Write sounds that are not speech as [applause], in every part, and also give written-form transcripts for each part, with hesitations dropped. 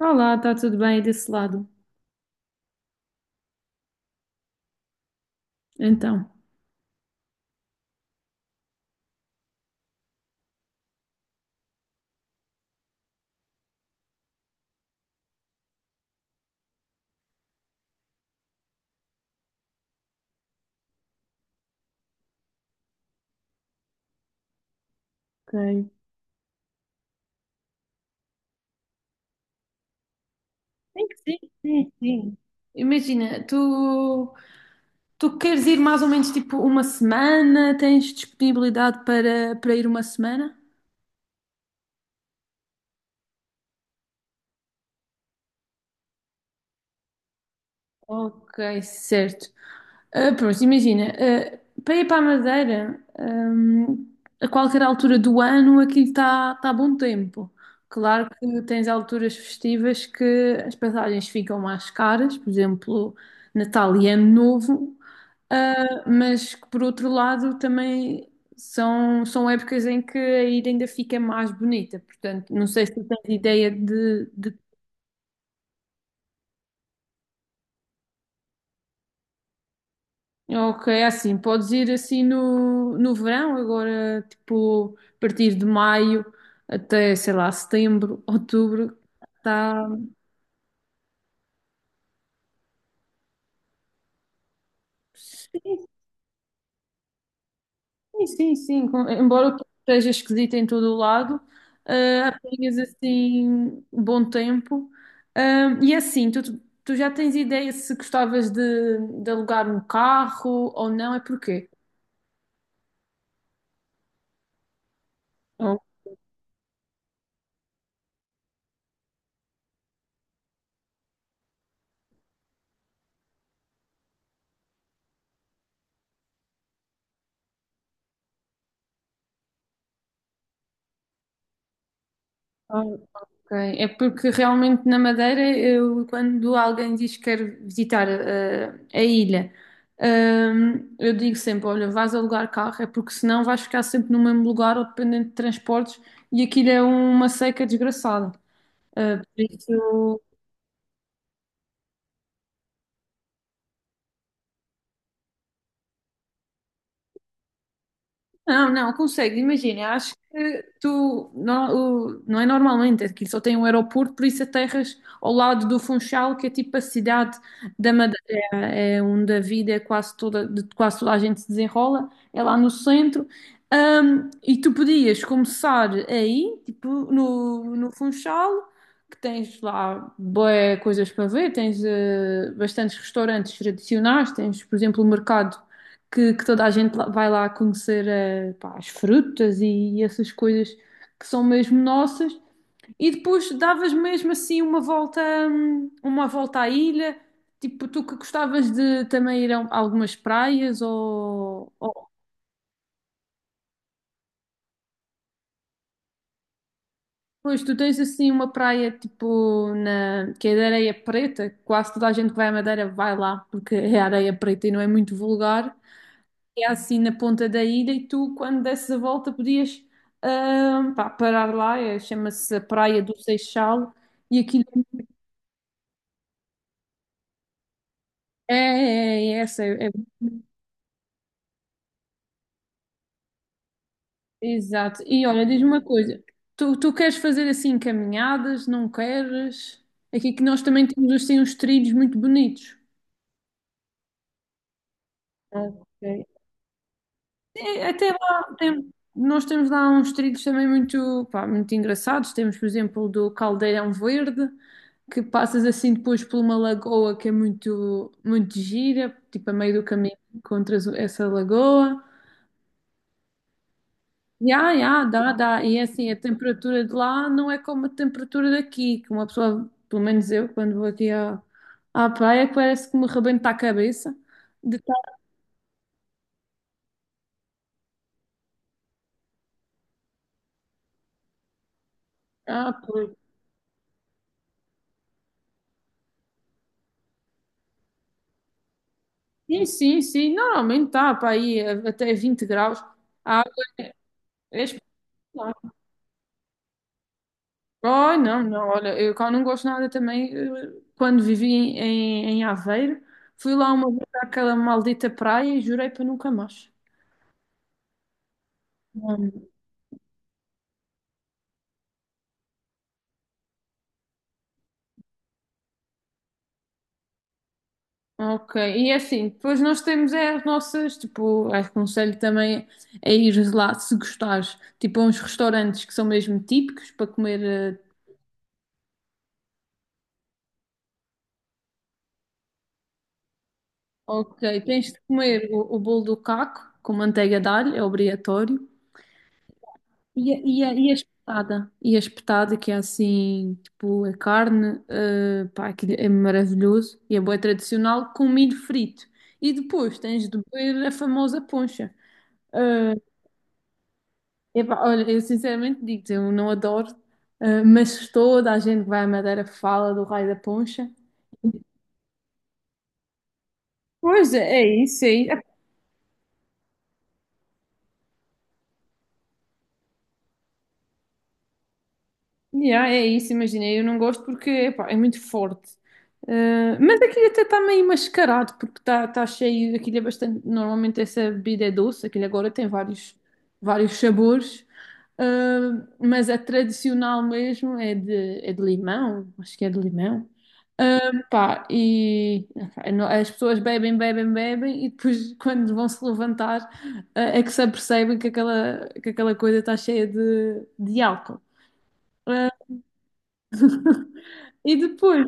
Olá, está tudo bem desse lado? Então, ok. Tem que ser, sim, sim. Imagina, tu, tu queres ir mais ou menos tipo uma semana? Tens disponibilidade para ir uma semana? Ok, certo. Ah, pronto, imagina, ah, para ir para a Madeira, a qualquer altura do ano aquilo está bom tempo. Claro que tens alturas festivas que as passagens ficam mais caras, por exemplo, Natal e Ano Novo, ah, mas que por outro lado também são, são épocas em que a ilha ainda fica mais bonita. Portanto, não sei se tens ideia de ok, é assim, podes ir assim no verão, agora, tipo, a partir de maio até, sei lá, setembro, [laughs] outubro, tá... Sim, sim, sim, sim. Embora o tempo esteja esquisito em todo o lado, ah, apanhas assim bom tempo. Ah, e é assim, tu, tu já tens ideia se gostavas de alugar um carro ou não, é porquê? Ah, ok. É porque realmente na Madeira, eu, quando alguém diz que quer visitar a ilha, eu digo sempre: olha, vais alugar carro, é porque senão vais ficar sempre no mesmo lugar ou dependente de transportes e aquilo é uma seca desgraçada. Por isso, não, não, consegue, imagina, acho que tu, não, não é normalmente, aqui só tem um aeroporto, por isso aterras ao lado do Funchal, que é tipo a cidade da Madeira, é onde a vida é quase toda, de quase toda a gente se desenrola, é lá no centro. E tu podias começar aí, tipo, no Funchal, que tens lá boas coisas para ver, tens bastantes restaurantes tradicionais, tens, por exemplo, o mercado que toda a gente vai lá conhecer pá, as frutas e essas coisas que são mesmo nossas. E depois davas mesmo assim uma volta à ilha. Tipo, tu que gostavas de também ir a algumas praias ou pois tu tens assim uma praia tipo na que é de areia preta, quase toda a gente que vai à Madeira vai lá porque é areia preta e não é muito vulgar. É assim na ponta da ilha e tu, quando desses a volta, podias ah, pá, parar lá, chama-se a Praia do Seixal, e aquilo é, é, é essa, exato. E olha, diz-me uma coisa, tu, tu queres fazer assim caminhadas, não queres? Aqui que nós também temos assim uns trilhos muito bonitos. Ok. É, até lá, nós temos lá uns trilhos também muito, pá, muito engraçados. Temos, por exemplo, o do Caldeirão Verde, que passas assim depois por uma lagoa que é muito, muito gira, tipo a meio do caminho encontras essa lagoa. Ya, ya, dá, dá. E é assim, a temperatura de lá não é como a temperatura daqui, que uma pessoa, pelo menos eu, quando vou aqui à, à praia, parece que me rebenta a cabeça. De... ah, pois. Sim, sim, sim. Normalmente está para aí até 20 graus. A água é é espetacular. Oh, não, não. Olha, eu cá não gosto nada também. Quando vivi em, em, em Aveiro, fui lá uma vez àquela maldita praia e jurei para nunca mais. Não. Ok, e é assim, depois nós temos é as nossas, tipo, aconselho também a ir lá se gostares, tipo, a uns restaurantes que são mesmo típicos para comer. eh, Ok, tens de comer o bolo do caco com manteiga de alho, é obrigatório. E a, e a espetada? E a espetada que é assim, tipo, a carne, pá, aquilo é maravilhoso e é bué tradicional com milho frito. E depois tens de beber a famosa poncha. Eh, Epá, olha, eu sinceramente digo-te, eu não adoro, mas toda a gente que vai à Madeira fala do raio da poncha. Pois é, é isso aí. Yeah, é isso, imaginei. Eu não gosto porque epá, é muito forte. Eh, mas aquilo até está meio mascarado porque está cheio. Aquilo é bastante. Normalmente essa bebida é doce, aquilo agora tem vários, vários sabores. Eh, mas a tradicional mesmo é de limão, acho que é de limão. Eh, Pá, e epá, as pessoas bebem, bebem, bebem e depois [laughs] quando vão se levantar é que se apercebem que aquela coisa está cheia de álcool. Eh, [laughs] e depois,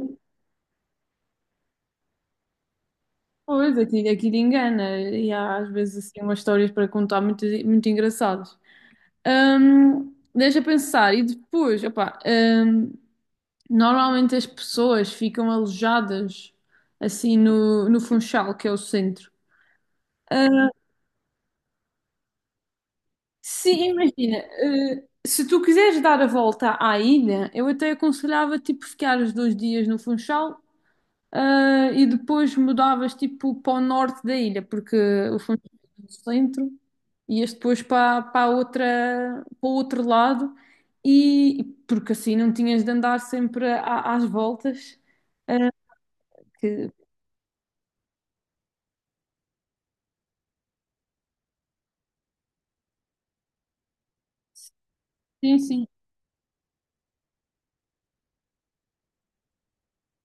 depois aquilo, aquilo engana. E há às vezes assim umas histórias para contar muito, muito engraçadas. Deixa pensar. E depois, opá, normalmente as pessoas ficam alojadas assim no Funchal, que é o centro. Ah, sim, imagina. Ah, se tu quiseres dar a volta à ilha, eu até aconselhava tipo ficar os dois dias no Funchal. Ah, e depois mudavas tipo para o norte da ilha, porque o Funchal é no centro, ias depois para a outra, para o outro lado, e porque assim não tinhas de andar sempre às voltas. Ah, que- sim, sim.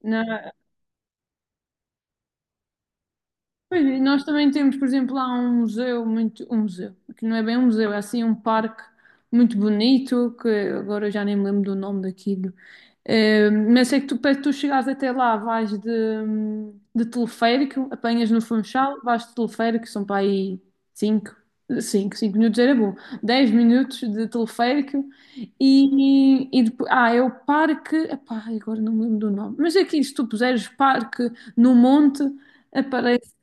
Na- Pois, e nós também temos, por exemplo, lá um museu, muito, um museu, que não é bem um museu, é assim um parque muito bonito, que agora eu já nem me lembro do nome daquilo. Mas sei que tu, para tu chegares até lá, vais de teleférico, apanhas no Funchal, vais de teleférico, são para aí 5 cinco minutos era bom, 10 minutos de teleférico e depois, ah, é o parque, epá, agora não me lembro do nome, mas é que se tu puseres parque no monte, aparece.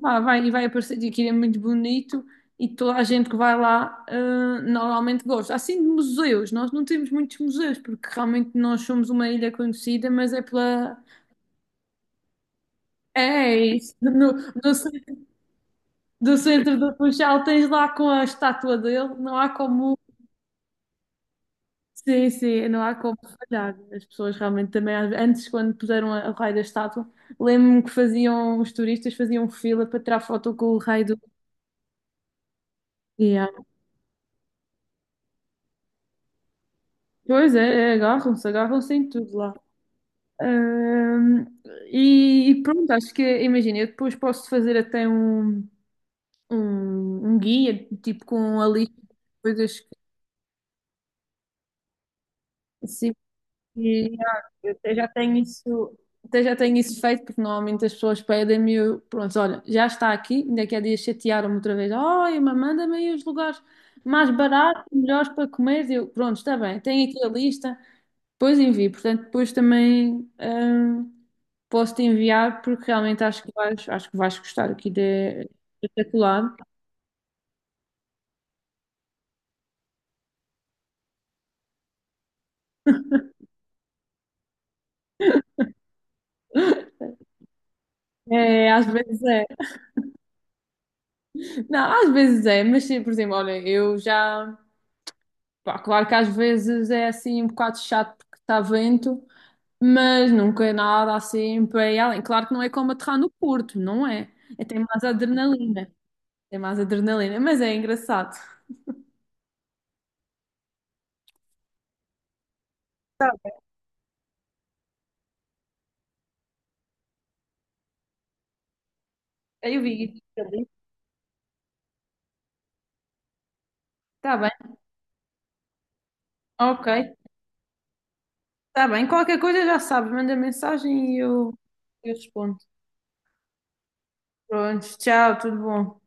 Pá, vai e vai aparecer de aquilo é muito bonito e toda a gente que vai lá ah, normalmente gosta. Assim de museus, nós não temos muitos museus porque realmente nós somos uma ilha conhecida, mas é pela. É isso, no, no ce- do centro do Funchal tens lá com a estátua dele, não há como. Sim, sim, não há como falhar. As pessoas realmente também, às- antes, quando puseram o raio da estátua, lembro-me que faziam, os turistas faziam fila para tirar foto com o raio do. Yeah. Pois é, é, agarram-se, agarram-se em tudo lá. Ahm, e, e pronto, acho que, imagina, eu depois posso fazer até um, um, um guia, tipo com a lista de coisas que. Sim, e, ah, eu até já tenho isso, até já tenho isso feito, porque normalmente as pessoas pedem-me, e eu, pronto, olha, já está aqui, ainda que há dias chatearam-me outra vez, olha, mas manda-me aí os lugares mais baratos, melhores para comer, eu, pronto, está bem, tenho aqui a lista, depois envio, portanto, depois também posso-te enviar porque realmente acho que vais gostar aqui de espetacular. É, às vezes é. Não, às vezes é, mas sim, por exemplo, olha, eu já. Pá, claro que às vezes é assim um bocado chato porque está vento, mas nunca é nada assim para ir além. Claro que não é como aterrar no Porto, não é? É, tem mais adrenalina. Tem mais adrenalina, mas é engraçado. Eu vi. Está bem. Ok. Está bem, qualquer coisa já sabe, manda mensagem e eu respondo. Pronto, tchau, tudo bom.